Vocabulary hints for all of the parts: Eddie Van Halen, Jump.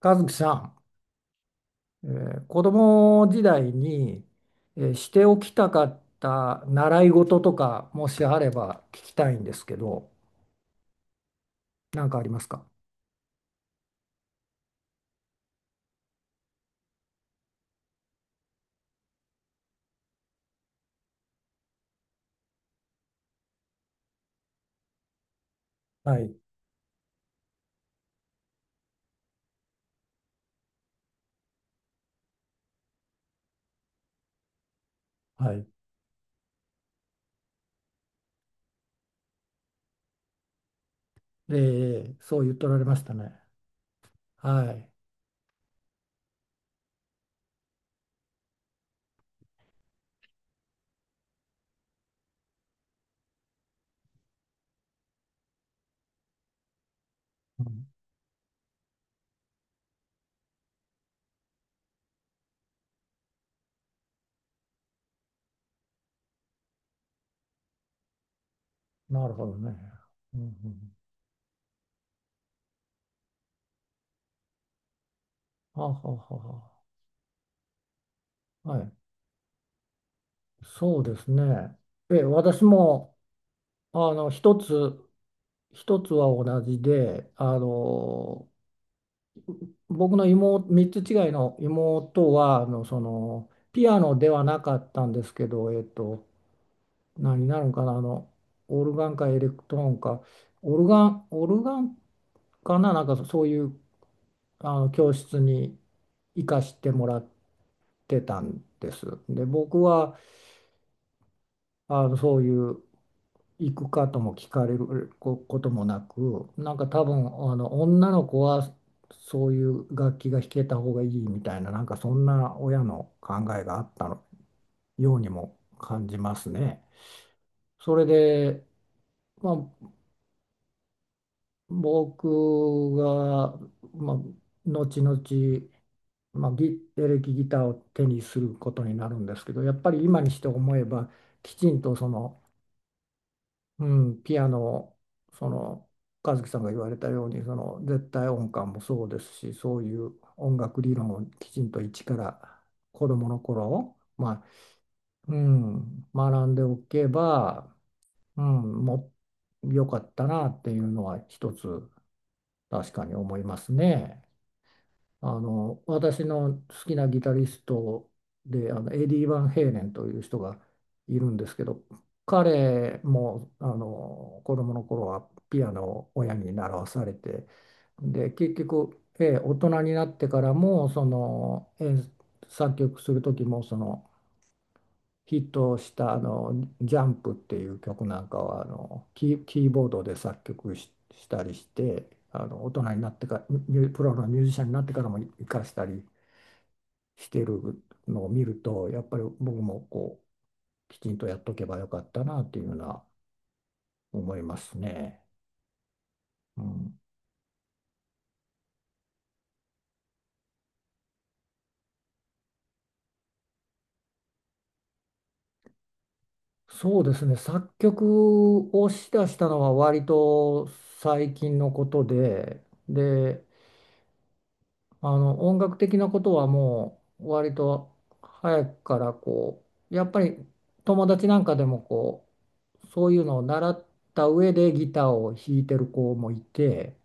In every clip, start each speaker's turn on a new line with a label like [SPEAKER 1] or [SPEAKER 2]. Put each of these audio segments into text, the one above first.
[SPEAKER 1] 和樹さん、子供時代に、しておきたかった習い事とかもしあれば聞きたいんですけど、何かありますか？はい、はい。ええ、そう言っとられましたね。はい。うん、なるほどね。うんうん、はあはあはあはあ、はい。そうですね。え、私も、一つ、一つは同じで、僕の妹、3つ違いの妹は、ピアノではなかったんですけど、何になるんかな、オルガンかエレクトーンか、オルガンかな、なんかそういう、あの、教室に行かしてもらってたんです。で、僕は、あの、そういう行くかとも聞かれるここともなく、なんか多分あの女の子はそういう楽器が弾けた方がいいみたいな、なんかそんな親の考えがあったのようにも感じますね。それで、まあ、僕が、まあ、後々、まあ、ギエレキギターを手にすることになるんですけど、やっぱり今にして思えばきちんとそのうん、ピアノ、その和樹さんが言われたようにその絶対音感もそうですし、そういう音楽理論をきちんと一から子どもの頃、まあ、うん、学んでおけば、うん、もう良かったなっていうのは一つ確かに思いますね。あの、私の好きなギタリストで、あのエディ・バンヘイレンという人がいるんですけど、彼もあの子供の頃はピアノを親に習わされて、で結局、ええ大人になってからもその演作曲する時もそのヒットしたあの「ジャンプ」っていう曲なんかはあのキーボードで作曲し、したりして、あの大人になってからミュプロのミュージシャンになってからも活かしたりしてるのを見るとやっぱり僕もこうきちんとやっとけばよかったなっていうのは思いますね。うん、そうですね、作曲をしだしたのは割と最近のことで、で、あの音楽的なことはもう割と早くからこうやっぱり友達なんかでもこうそういうのを習った上でギターを弾いてる子もいて、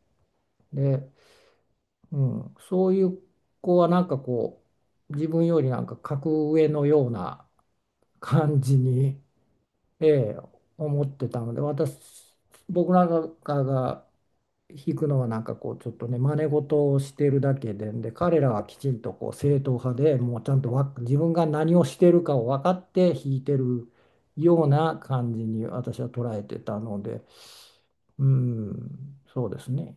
[SPEAKER 1] で、うん、そういう子はなんかこう自分よりなんか格上のような感じに、ええ、思ってたので、僕なんかが弾くのはなんかこう、ちょっとね、真似事をしてるだけで、で、彼らはきちんとこう正統派でもうちゃんとわ自分が何をしてるかを分かって弾いてるような感じに私は捉えてたので、うん、そうですね。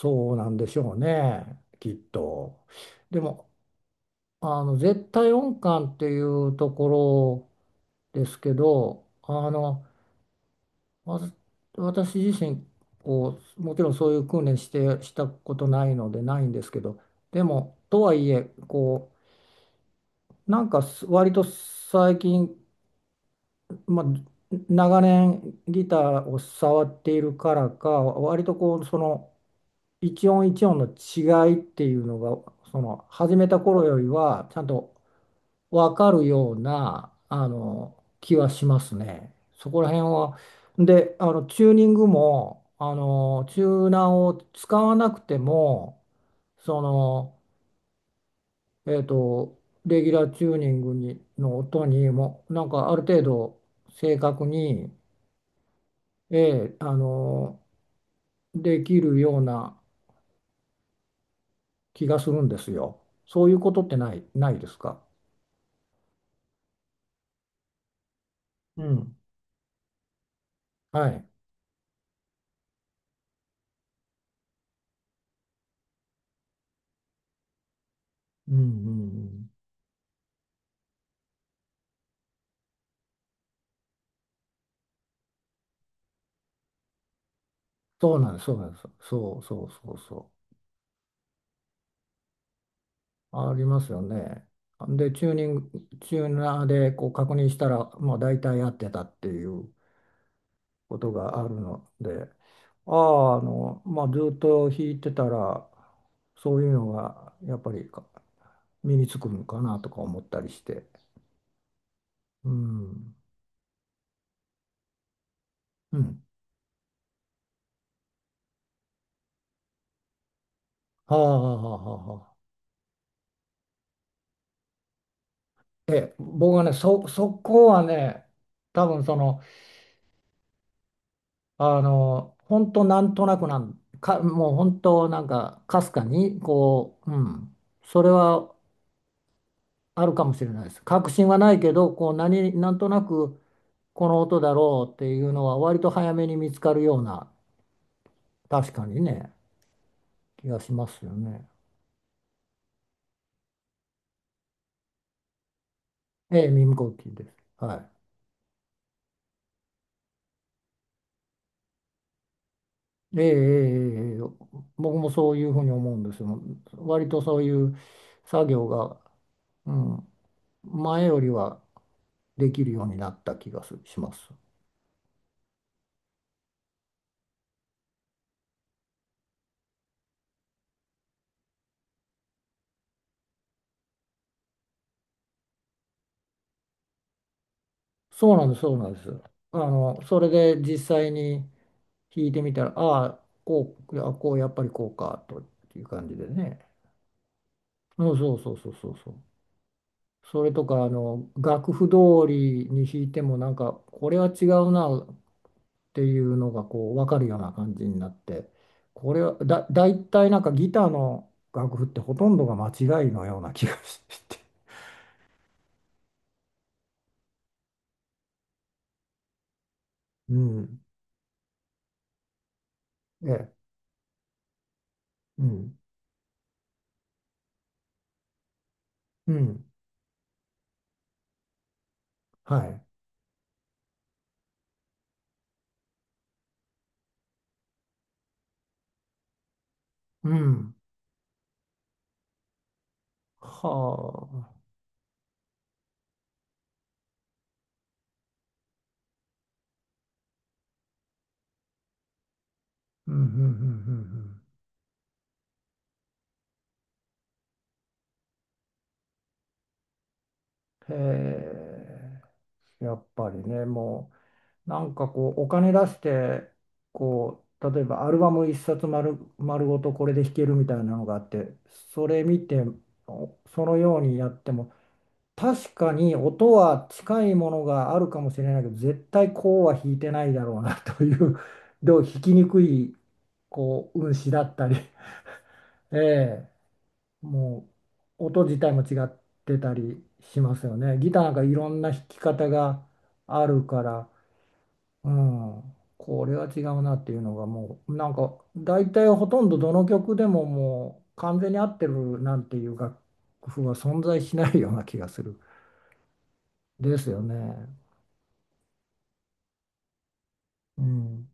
[SPEAKER 1] そうなんでしょうね、きっと。でも、あの、絶対音感っていうところですけど、あの、わず私自身こうもちろんそういう訓練してしたことないのでないんですけど、でもとはいえこうなんかす割と最近、まあ、長年ギターを触っているからか割とこうその一音一音の違いっていうのがその始めた頃よりはちゃんとわかるようなあの気はしますね。そこら辺は。で、あのチューニングもあのチューナーを使わなくても、その、えっと、レギュラーチューニングにの音にもなんかある程度正確に、ええあのできるような気がするんですよ。そういうことってないですか？うん。はい。うんうんうん。そうなんです、そうなんです。そうそうそうそう。ありますよね。で、チューナーでこう確認したら、まあ、大体合ってたっていうことがあるので、ああ、あの、まあ、ずっと弾いてたら、そういうのがやっぱり身につくのかなとか思ったりして。うん。うん。はあはあはあはあはあ。ええ、僕はね、そこはね、多分その、あの、本当なんとなくなん、か、もう本当なんか、かすかに、こう、うん、それはあるかもしれないです。確信はないけど、こう、なんとなく、この音だろうっていうのは、割と早めに見つかるような、確かにね、気がしますよね。ええ、耳コピーです。はい。ええ、僕もそういうふうに思うんですよ。割とそういう作業が、うん、前よりはできるようになった気がすします。そうなんです、そうなんです。あの、それで実際に弾いてみたら、ああ、こう、やっぱりこうか、という感じでね。うん、そうそうそうそうそう。それとか、あの、楽譜通りに弾いても、なんか、これは違うなっていうのが、こう、わかるような感じになって、これは、だ、だいたいなんかギターの楽譜ってほとんどが間違いのような気がして。うん。ええ。うん。うん。はい。うん。はあ。うん、うん、うん、うん。うんへえ、やっぱりね、もう、なんかこう、お金出して、こう、例えばアルバム一冊丸、丸ごとこれで弾けるみたいなのがあって、それ見て、おそのようにやっても、確かに音は近いものがあるかもしれないけど、絶対こうは弾いてないだろうなという、どう弾きにくい、こう、運指だったり、ええもう音自体も違ってたりしますよね。ギターがいろんな弾き方があるから、うん、これは違うなっていうのがもうなんか大体ほとんどどの曲でももう完全に合ってるなんていう楽譜は存在しないような気がする。ですよね。うん、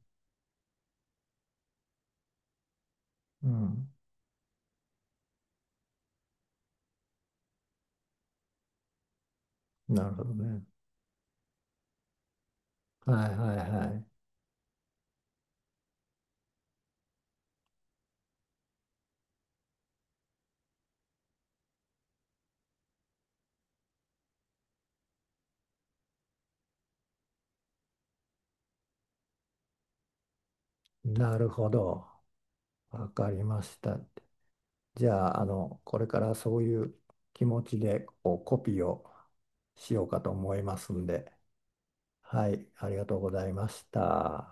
[SPEAKER 1] うん、なるほどね。はいはいはい。なるほど。わかりました。じゃあ、あの、これからそういう気持ちでこうコピーをしようかと思いますんで、はい、ありがとうございました。